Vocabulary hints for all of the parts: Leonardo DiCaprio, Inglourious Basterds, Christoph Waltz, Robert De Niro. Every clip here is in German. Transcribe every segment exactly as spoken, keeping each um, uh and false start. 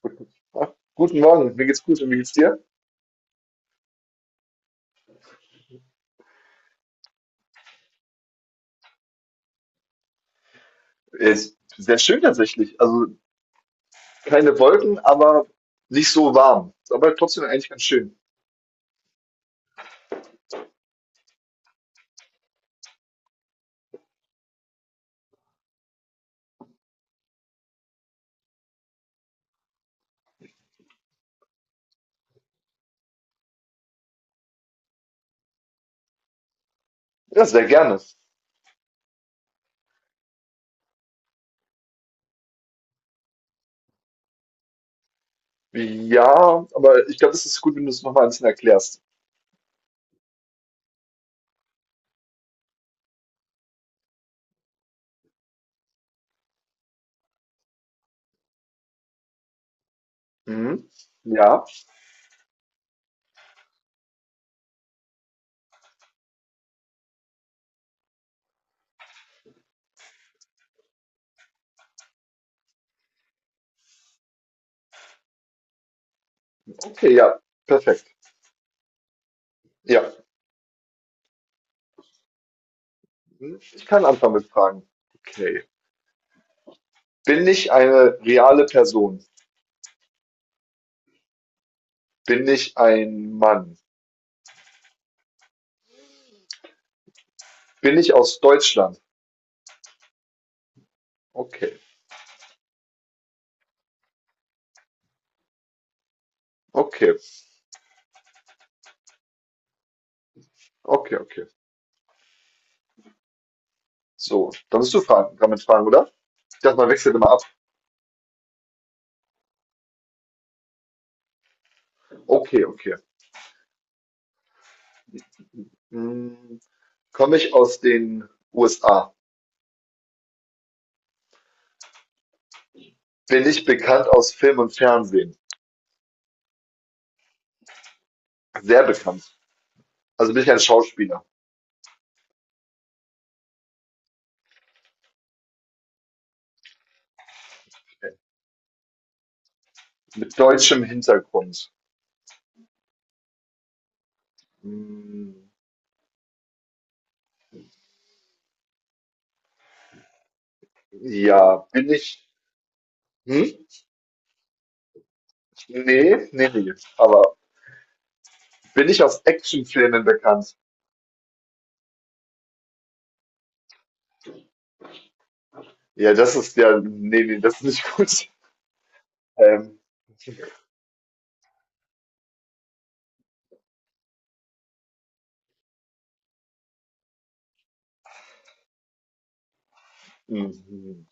Guten Tag, guten Morgen, mir geht's gut und wie geht's dir? Ist sehr schön tatsächlich. Also keine Wolken, aber nicht so warm. Ist aber trotzdem eigentlich ganz schön. Ja, sehr gerne. Ja, aber ich glaube, es ist gut, wenn du es nochmal ein bisschen erklärst. Mhm. Ja, okay, ja, perfekt. Ja, mhm, ich kann anfangen mit Fragen. Okay. Bin ich eine reale Person? Bin ich ein Mann? Bin ich aus Deutschland? Okay, okay, okay, okay. So, dann bist du fragen, damit fragen, oder? Ich dachte, man wechselt immer ab. Okay, okay. Hm, Komme ich aus den U S A? Bin ich bekannt aus Film und Fernsehen? Sehr bekannt. Also bin ich ein Schauspieler mit deutschem Hintergrund. Hm, ja, bin ich. Hm? Nee, nee, nee. Aber bin ich aus Actionfilmen bekannt? Ja, das ist ja. Nee, nee, das ist nicht gut. Ähm, mhm,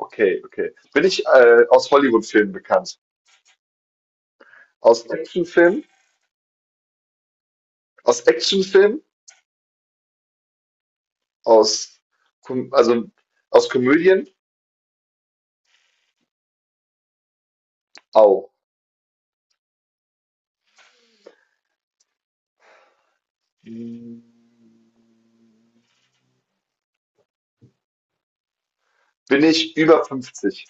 okay, okay. Bin ich äh, aus Hollywood-Filmen bekannt? Aus Actionfilmen? Aus Actionfilmen? Aus Kom also aus Komödien? Au. Hm, Bin ich über fünfzig?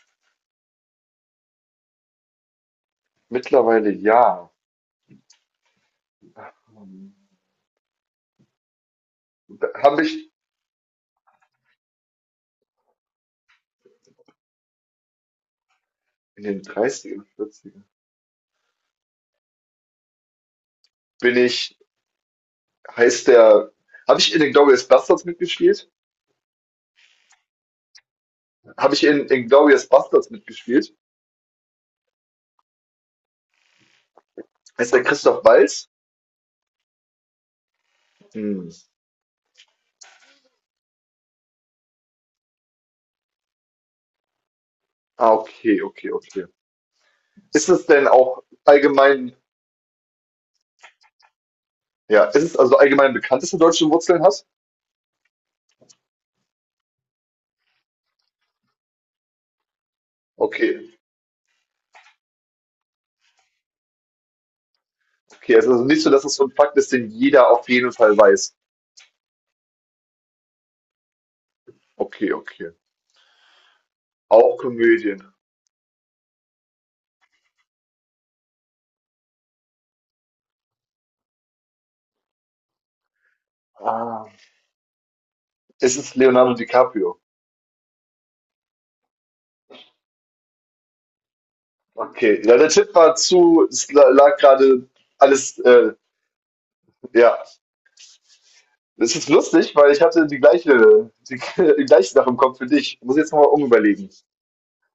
Mittlerweile ja. Habe ich In den Dreißigern ern. Bin ich, heißt der, Habe ich in Inglourious Basterds mitgespielt? Habe ich in Inglourious Basterds mitgespielt? Heißt der Christoph Waltz? Hm. Ah, okay, okay, okay. Ist es denn auch allgemein, Ja, ist es also allgemein bekannt, dass du deutsche Wurzeln hast? Okay. Okay, also es ist also nicht so, dass es so ein Fakt ist, den jeder auf jeden Fall weiß. Okay, okay. Auch Komödien. Ah, es ist Leonardo DiCaprio. Okay, ja, der Tipp war zu, es la- lag gerade alles, äh, ja. Es ist lustig, weil ich hatte die gleiche, die, die gleiche Sache im Kopf für dich. Muss jetzt nochmal umüberlegen.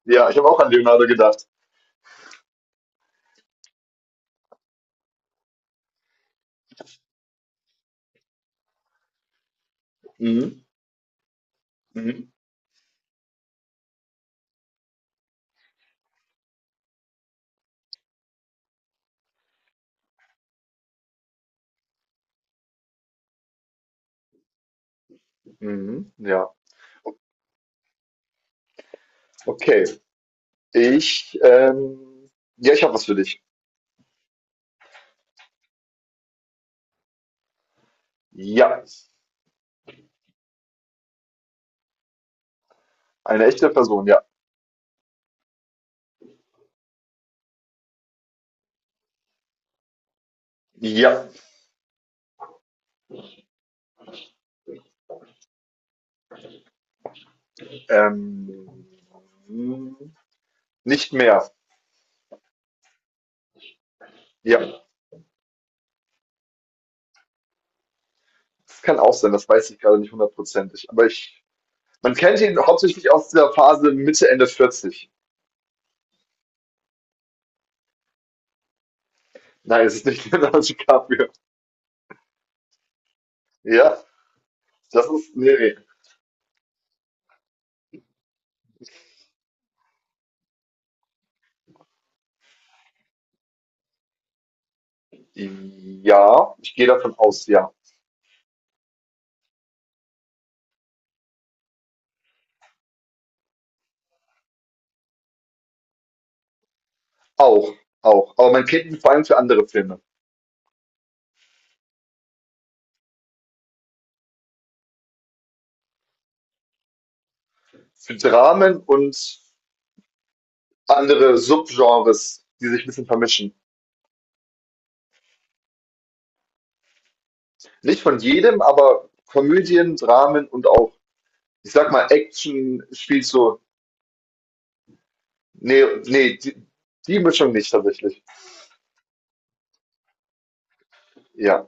Ja, ich habe auch an Leonardo gedacht. Mhm, mhm, mhm, ja. Okay, ich, ähm, ja, ich habe was für dich. Ja, eine echte Person, ja. Ja. Ähm, Nicht mehr. Ja, das kann auch sein, das weiß ich gerade nicht hundertprozentig. Aber ich, man kennt ihn hauptsächlich aus der Phase Mitte, Ende vierzig. Nein, es ist nicht Leonardo DiCaprio. Ja, das ist, nee, nee. Ja, ich gehe davon aus, ja. Auch, auch. Aber man kennt ihn vor allem für andere Filme. Für Dramen und andere Subgenres, die sich ein bisschen vermischen. Nicht von jedem, aber Komödien, Dramen und auch, ich sag mal, Action spielt so. Nee, nee, die, Die Mischung nicht tatsächlich. Ja.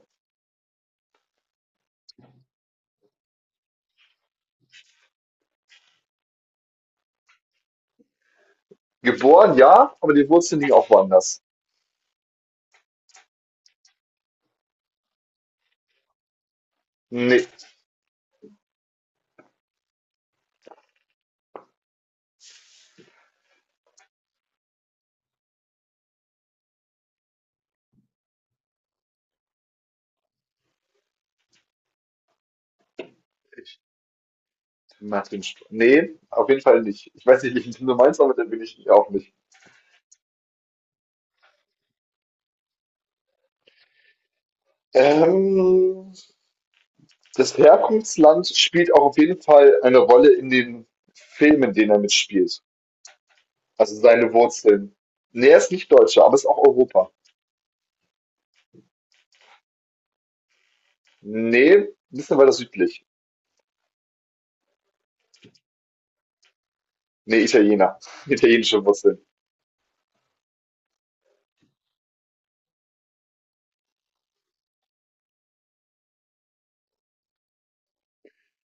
Geboren, ja, aber die Wurzeln liegen auch woanders. Nee, ich mach den Sp Nee, auf jeden Fall nicht. Ich weiß nicht, welchen Tim du meinst, aber den bin ich auch nicht. Ähm, Das Herkunftsland spielt auch auf jeden Fall eine Rolle in den Filmen, in denen er mitspielt. Also seine Wurzeln. Nee, er ist nicht Deutscher, aber ist auch Europa. Nee, ein bisschen weiter südlich. Nee, Italiener. Italienische Wurzeln.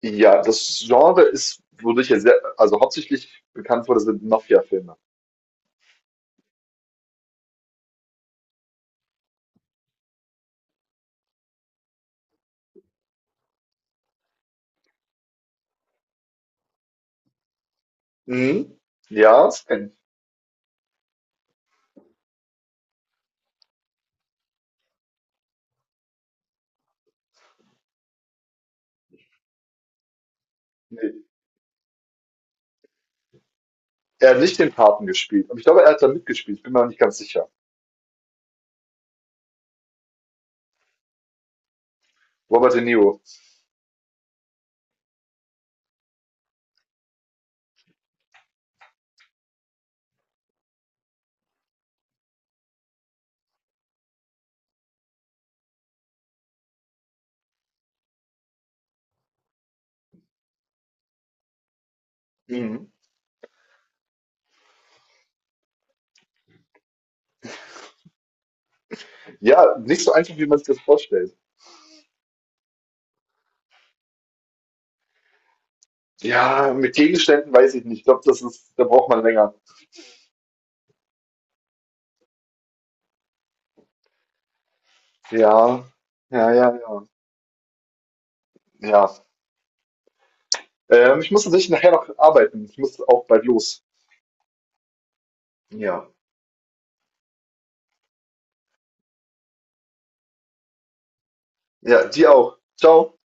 Ja, das Genre ist, wodurch er sehr, also hauptsächlich bekannt wurde, sind Mafia-Filme. Mhm. Ja, das kenn. Ne, er hat nicht den Paten gespielt. Aber ich glaube, er hat da mitgespielt. Ich bin mir aber nicht ganz sicher. Robert De Niro. Ich. Mhm. Ja, nicht so einfach, wie man sich das vorstellt. Ja, mit Gegenständen weiß ich nicht. Ich glaube, das ist, da braucht man länger. Ja, ja, ja, ja. Ja. Ähm, ich muss tatsächlich nachher noch arbeiten. Ich muss auch bald los. Ja. Ja, die auch. Ciao.